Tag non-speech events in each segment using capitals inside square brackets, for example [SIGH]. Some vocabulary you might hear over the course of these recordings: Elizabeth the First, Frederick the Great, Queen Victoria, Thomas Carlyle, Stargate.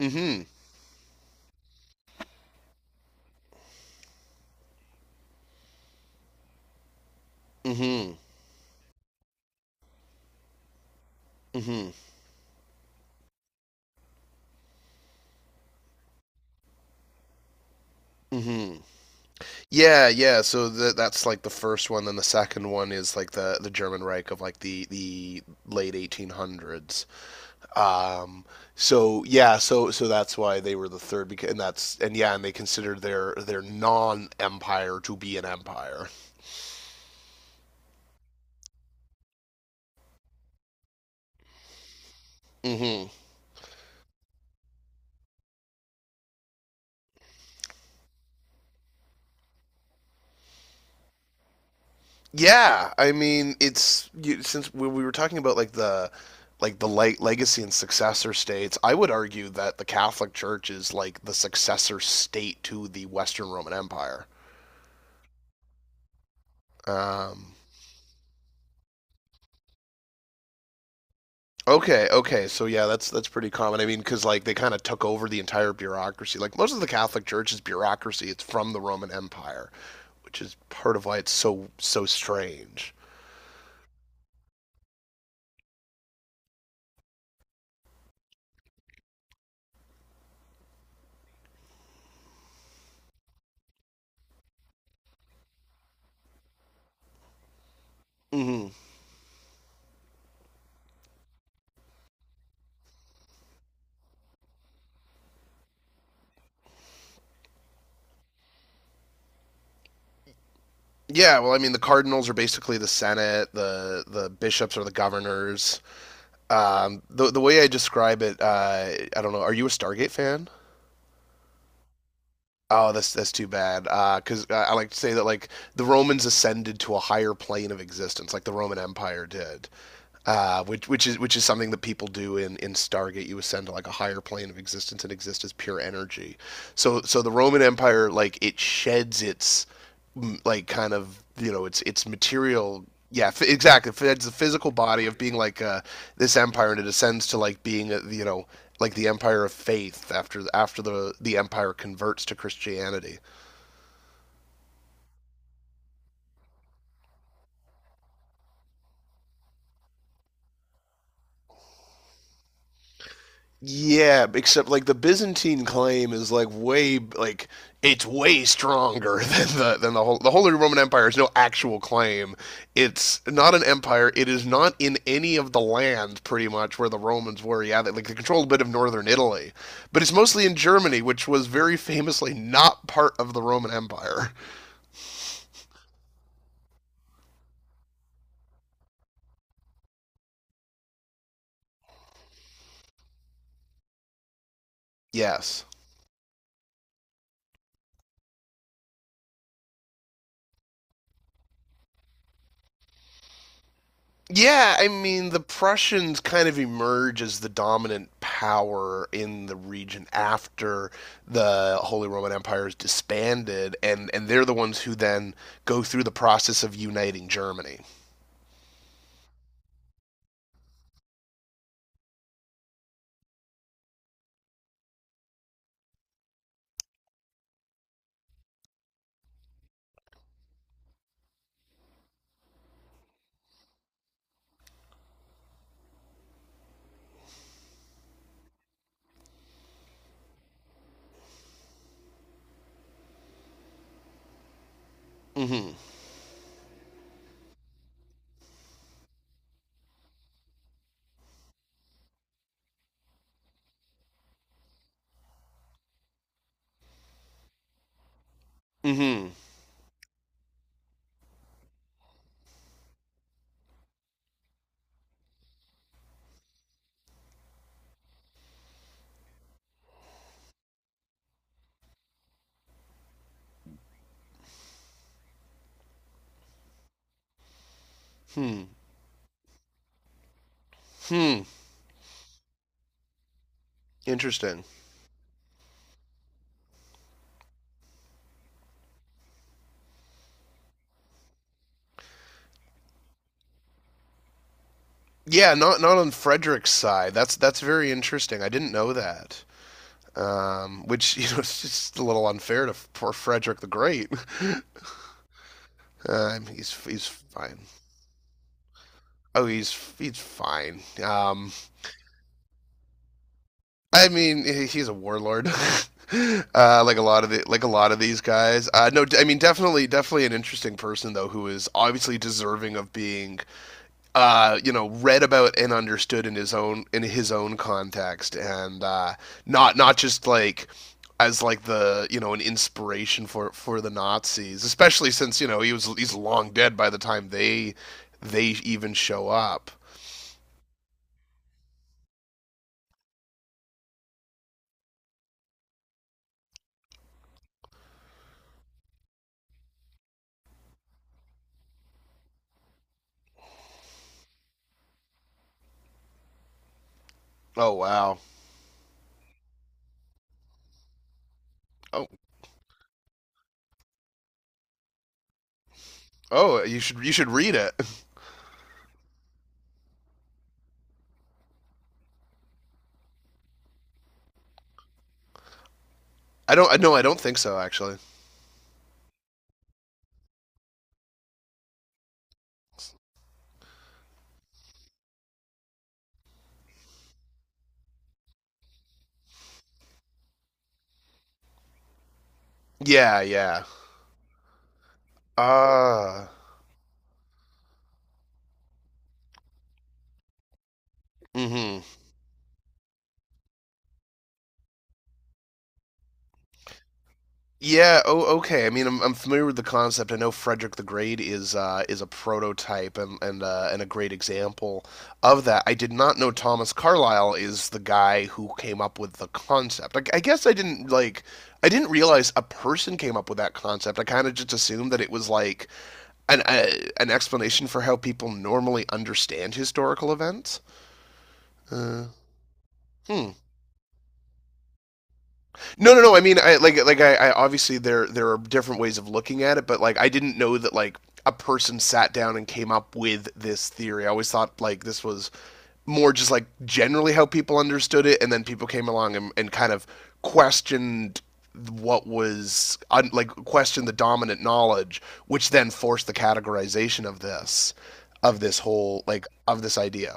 Mm-hmm. Mm-hmm. Mm-hmm. Mm-hmm. Yeah, yeah. So that's like the first one. Then the second one is like the German Reich of like the late 1800s. Um. So yeah. So that's why they were the third. Because and that's and yeah. And they considered their non empire to be an empire. Mm-hmm. Yeah, I mean, since we were talking about like the light legacy and successor states, I would argue that the Catholic Church is like the successor state to the Western Roman Empire. Um, okay, so yeah, that's pretty common. I mean, because like they kind of took over the entire bureaucracy. Like most of the Catholic Church is bureaucracy; it's from the Roman Empire, which is part of why it's so strange. hmm Yeah, well, I mean, the cardinals are basically the Senate, the bishops are the governors. The way I describe it, I don't know. Are you a Stargate fan? Oh, that's too bad. Because I like to say that like the Romans ascended to a higher plane of existence, like the Roman Empire did. Which is something that people do in Stargate. You ascend to like a higher plane of existence and exist as pure energy. So the Roman Empire, like, it sheds its like, kind of, you know, it's material. Exactly, it's the physical body of being like, this empire, and it ascends to like being a, you know, like the empire of faith after the empire converts to Christianity. Yeah, except like the Byzantine claim is like it's way stronger [LAUGHS] than the than the Holy Roman Empire is no actual claim. It's not an empire. It is not in any of the lands pretty much where the Romans were. Yeah, they, like they controlled a bit of northern Italy, but it's mostly in Germany, which was very famously not part of the Roman Empire. Yes. Yeah, I mean, the Prussians kind of emerge as the dominant power in the region after the Holy Roman Empire is disbanded, and they're the ones who then go through the process of uniting Germany. Hmm. Hmm. Hmm. Hmm. Interesting. Yeah, not not on Frederick's side. That's very interesting. I didn't know that. Which [LAUGHS] you know, it's just a little unfair to poor Frederick the Great. [LAUGHS] He's fine. Oh, he's fine. I mean, he's a warlord, [LAUGHS] like a lot of the like a lot of these guys. No, I mean, definitely, definitely an interesting person though, who is obviously deserving of being, you know, read about and understood in his own context, and not not just like as like the, you know, an inspiration for the Nazis, especially since, you know, he's long dead by the time they even show up. Oh wow. Oh oh, you should read it. [LAUGHS] I don't. I no, I don't think so, actually. Yeah. Yeah. Ah. mm hmm Yeah. Oh. Okay. I mean, I'm familiar with the concept. I know Frederick the Great is, is a prototype and and a great example of that. I did not know Thomas Carlyle is the guy who came up with the concept. I guess I didn't like. I didn't realize a person came up with that concept. I kind of just assumed that it was like an uh, an explanation for how people normally understand historical events. Uh, hmm. No, no, no. I mean, I like I obviously there are different ways of looking at it, but like I didn't know that like a person sat down and came up with this theory. I always thought like this was more just like generally how people understood it, and then people came along and kind of questioned what was un, like questioned the dominant knowledge, which then forced the categorization of this whole like of this idea.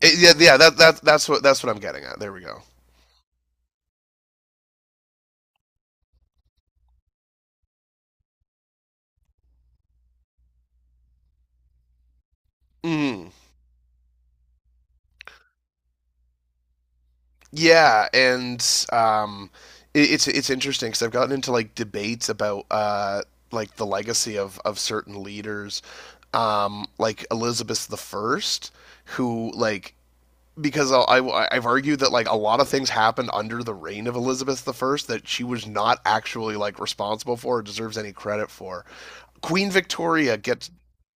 Yeah, yeah. That's what that's what I'm getting at. There we go. Mm. Yeah, and um, it's interesting because I've gotten into like debates about, like the legacy of certain leaders, like Elizabeth the First, who like, because I have argued that like a lot of things happened under the reign of Elizabeth the First that she was not actually like responsible for or deserves any credit for. Queen Victoria gets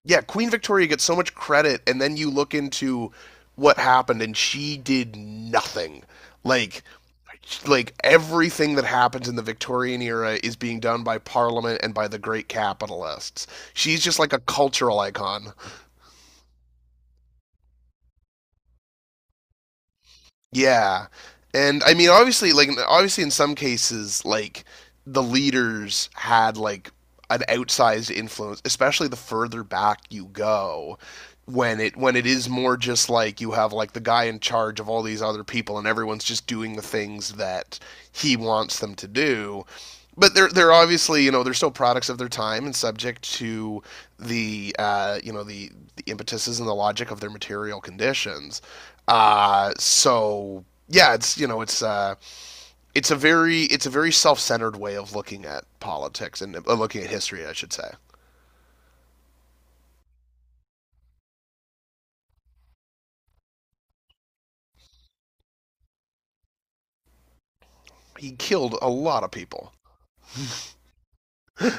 yeah, Queen Victoria gets so much credit, and then you look into what happened, and she did nothing. Like, like everything that happens in the Victorian era is being done by Parliament and by the great capitalists. She's just like a cultural icon. Yeah, and I mean, obviously, like, obviously, in some cases, like the leaders had like an outsized influence, especially the further back you go when it is more just like you have like the guy in charge of all these other people and everyone's just doing the things that he wants them to do, but they're obviously, you know, they're still products of their time and subject to the, you know, the impetuses and the logic of their material conditions. So yeah, it's you know it's, it's a very, it's a very self-centered way of looking at politics and, looking at history, I should say. He killed a lot of people. [GASPS] yeah,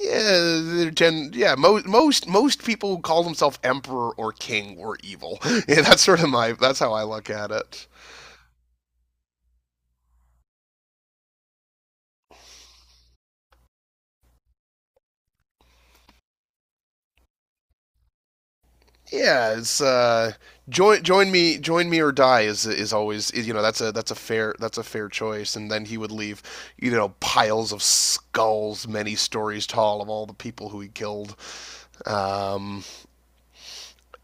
yeah. Most people who call themselves emperor or king were evil. [LAUGHS] yeah, that's sort of my, that's how I look at it. Yeah, it's, join me or die is you know, that's a that's a fair choice. And then he would leave, you know, piles of skulls many stories tall of all the people who he killed. Um,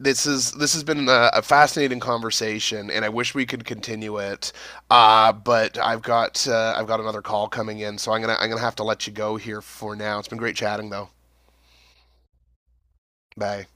this has been a fascinating conversation, and I wish we could continue it. But I've got another call coming in, so I'm gonna have to let you go here for now. It's been great chatting though. Bye.